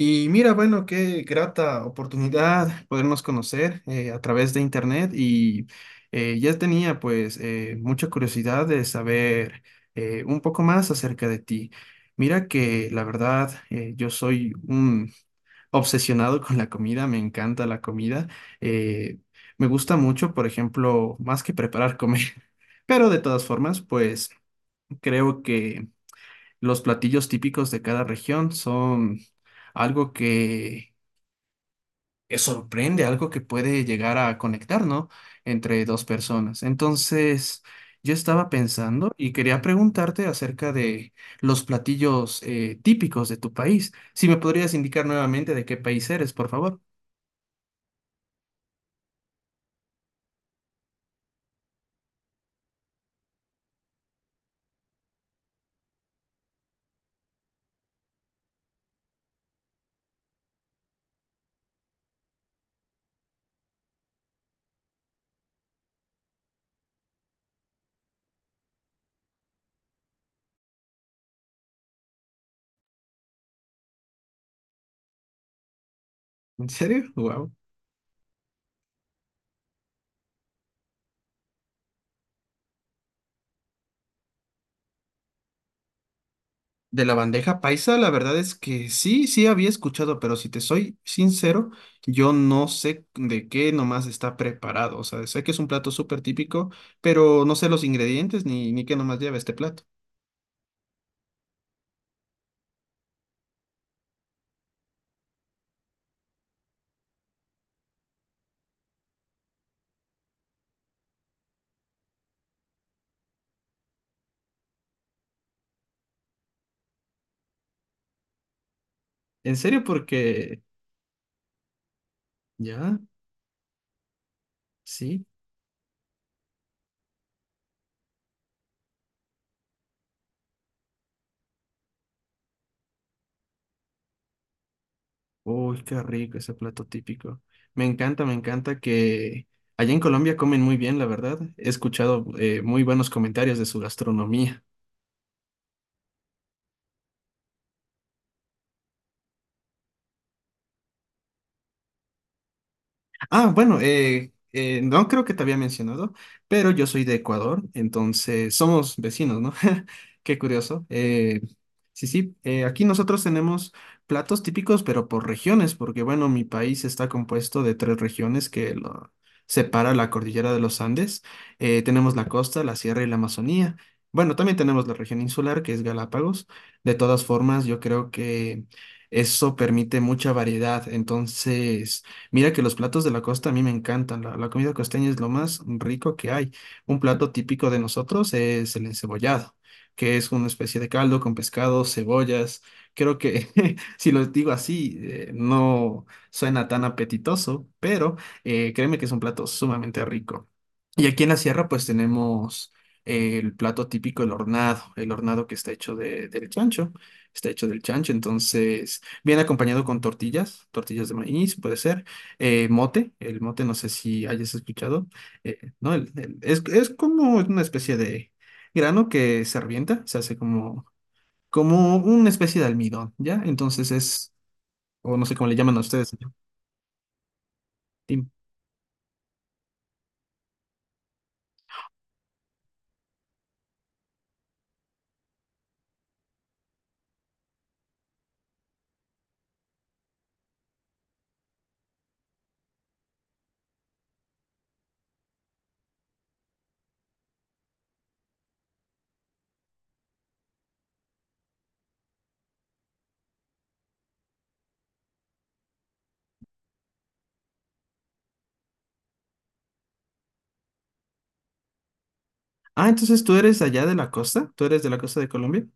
Y mira, bueno, qué grata oportunidad podernos conocer a través de internet y ya tenía pues mucha curiosidad de saber un poco más acerca de ti. Mira que la verdad yo soy un obsesionado con la comida, me encanta la comida. eh, Me gusta mucho, por ejemplo, más que preparar comer, pero de todas formas pues creo que los platillos típicos de cada región son algo que sorprende, algo que puede llegar a conectar, ¿no? Entre dos personas. Entonces, yo estaba pensando y quería preguntarte acerca de los platillos típicos de tu país. Si me podrías indicar nuevamente de qué país eres, por favor. ¿En serio? Wow. De la bandeja paisa, la verdad es que sí, sí había escuchado, pero si te soy sincero, yo no sé de qué nomás está preparado. O sea, sé que es un plato súper típico, pero no sé los ingredientes ni qué nomás lleva este plato. ¿En serio? Porque ya, sí. Uy, qué rico ese plato típico. Me encanta que allá en Colombia comen muy bien, la verdad. He escuchado muy buenos comentarios de su gastronomía. Ah, bueno, no creo que te había mencionado, pero yo soy de Ecuador, entonces somos vecinos, ¿no? Qué curioso. Sí, sí, aquí nosotros tenemos platos típicos, pero por regiones, porque bueno, mi país está compuesto de tres regiones que lo separa la cordillera de los Andes. Tenemos la costa, la sierra y la Amazonía. Bueno, también tenemos la región insular, que es Galápagos. De todas formas, yo creo que eso permite mucha variedad, entonces... Mira que los platos de la costa a mí me encantan. La comida costeña es lo más rico que hay. Un plato típico de nosotros es el encebollado, que es una especie de caldo con pescado, cebollas. Creo que si lo digo así, no suena tan apetitoso, pero créeme que es un plato sumamente rico. Y aquí en la sierra pues tenemos el plato típico, el hornado que está hecho del chancho, está hecho del chancho, entonces viene acompañado con tortillas, tortillas de maíz, puede ser mote, el mote no sé si hayas escuchado, ¿no? Es como una especie de grano que se revienta, como una especie de almidón, ¿ya? Entonces es, o no sé cómo le llaman a ustedes. ¿No? Tim. Ah, entonces tú eres allá de la costa, tú eres de la costa de Colombia.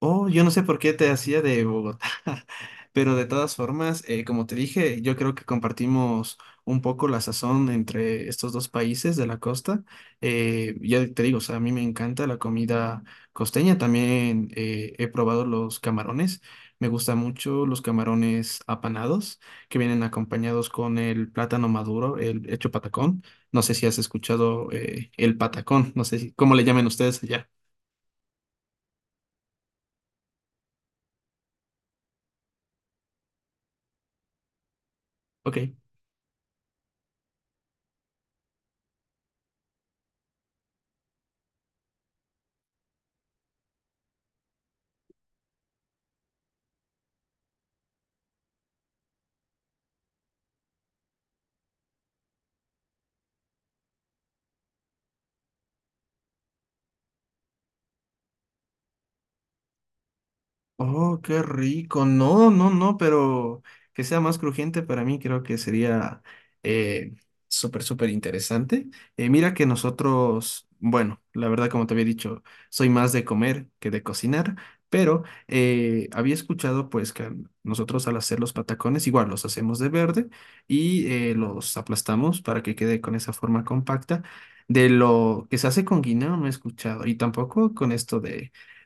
Oh, yo no sé por qué te hacía de Bogotá, pero de todas formas, como te dije, yo creo que compartimos un poco la sazón entre estos dos países de la costa. Ya te digo, o sea, a mí me encanta la comida costeña, también he probado los camarones, me gustan mucho los camarones apanados, que vienen acompañados con el plátano maduro, el hecho patacón. No sé si has escuchado el patacón, no sé si, cómo le llaman ustedes allá. Ok. Oh, qué rico. No, no, no, pero que sea más crujiente para mí creo que sería eh, súper, súper interesante. Mira que nosotros, bueno, la verdad como te había dicho, soy más de comer que de cocinar, pero había escuchado pues que nosotros al hacer los patacones igual los hacemos de verde y los aplastamos para que quede con esa forma compacta. De lo que se hace con guineo no he escuchado y tampoco con esto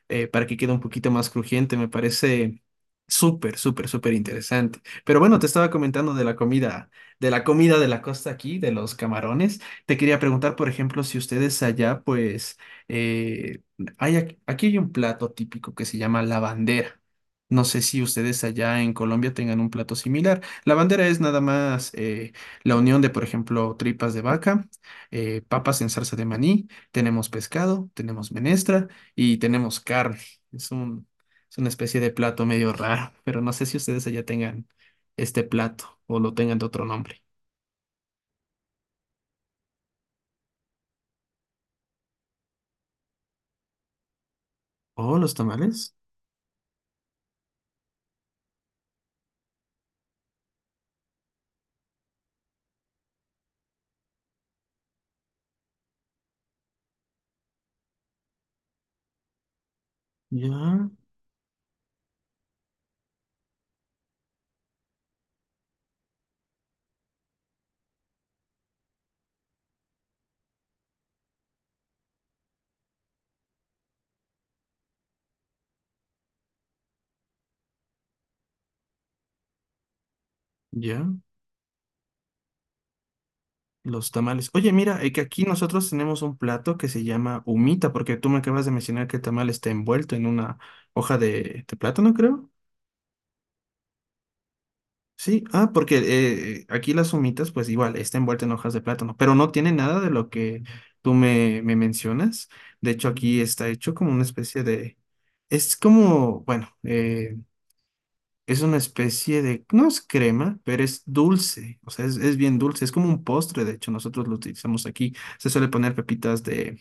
para que quede un poquito más crujiente. Me parece súper, súper, súper interesante. Pero bueno, te estaba comentando de la comida, de la comida de la costa aquí, de los camarones. Te quería preguntar, por ejemplo, si ustedes allá, pues, eh, hay, aquí hay un plato típico que se llama la bandera. No sé si ustedes allá en Colombia tengan un plato similar. La bandera es nada más la unión de, por ejemplo, tripas de vaca, papas en salsa de maní, tenemos pescado, tenemos menestra y tenemos carne. Es un, es una especie de plato medio raro, pero no sé si ustedes allá tengan este plato o lo tengan de otro nombre. Oh, los tamales. Ya, ya, los tamales. Oye, mira, que aquí nosotros tenemos un plato que se llama humita, porque tú me acabas de mencionar que el tamal está envuelto en una hoja de plátano, creo. Sí, ah, porque aquí las humitas, pues igual, está envuelta en hojas de plátano, pero no tiene nada de lo que me mencionas. De hecho, aquí está hecho como una especie de, es como, bueno, es una especie de, no es crema, pero es dulce, o sea, es bien dulce, es como un postre, de hecho, nosotros lo utilizamos aquí. Se suele poner pepitas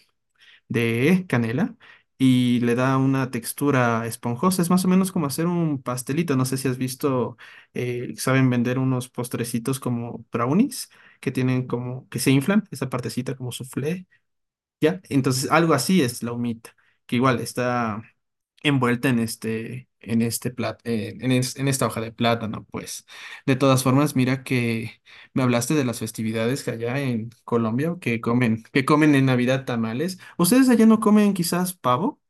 de canela y le da una textura esponjosa. Es más o menos como hacer un pastelito. No sé si has visto, saben vender unos postrecitos como brownies que tienen como que se inflan, esa partecita como soufflé. Ya, entonces algo así es la humita, que igual está envuelta en este plat, en es- en esta hoja de plátano, pues. De todas formas, mira que me hablaste de las festividades que allá en Colombia que comen en Navidad tamales. ¿Ustedes allá no comen quizás pavo?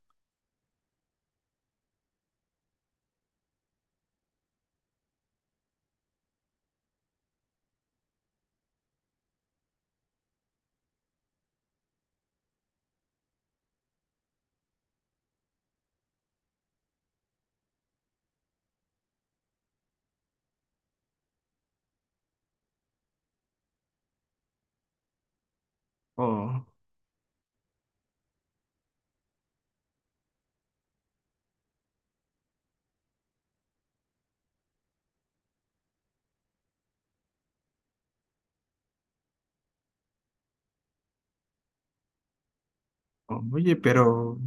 O, oye, pero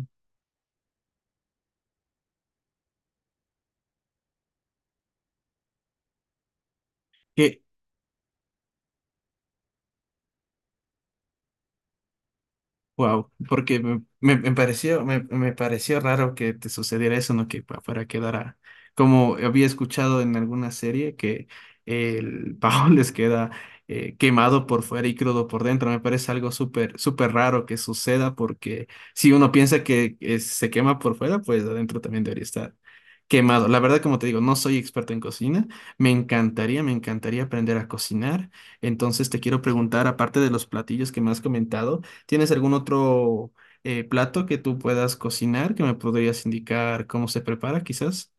wow, porque me pareció, me pareció raro que te sucediera eso, ¿no? Para quedara, como había escuchado en alguna serie, que el pavo les queda quemado por fuera y crudo por dentro. Me parece algo súper, súper raro que suceda, porque si uno piensa que se quema por fuera, pues adentro también debería estar quemado. La verdad, como te digo, no soy experto en cocina. Me encantaría aprender a cocinar. Entonces te quiero preguntar, aparte de los platillos que me has comentado, ¿tienes algún otro plato que tú puedas cocinar que me podrías indicar cómo se prepara, quizás?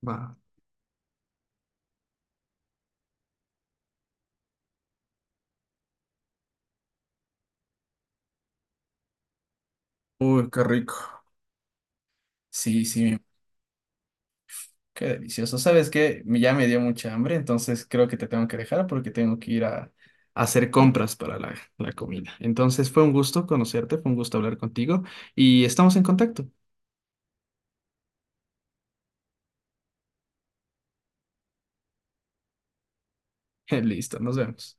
Va. Uy, qué rico. Sí, sí, qué delicioso. ¿Sabes qué? Ya me dio mucha hambre, entonces creo que te tengo que dejar porque tengo que ir a hacer compras para la comida. Entonces fue un gusto conocerte, fue un gusto hablar contigo y estamos en contacto. Listo, nos vemos.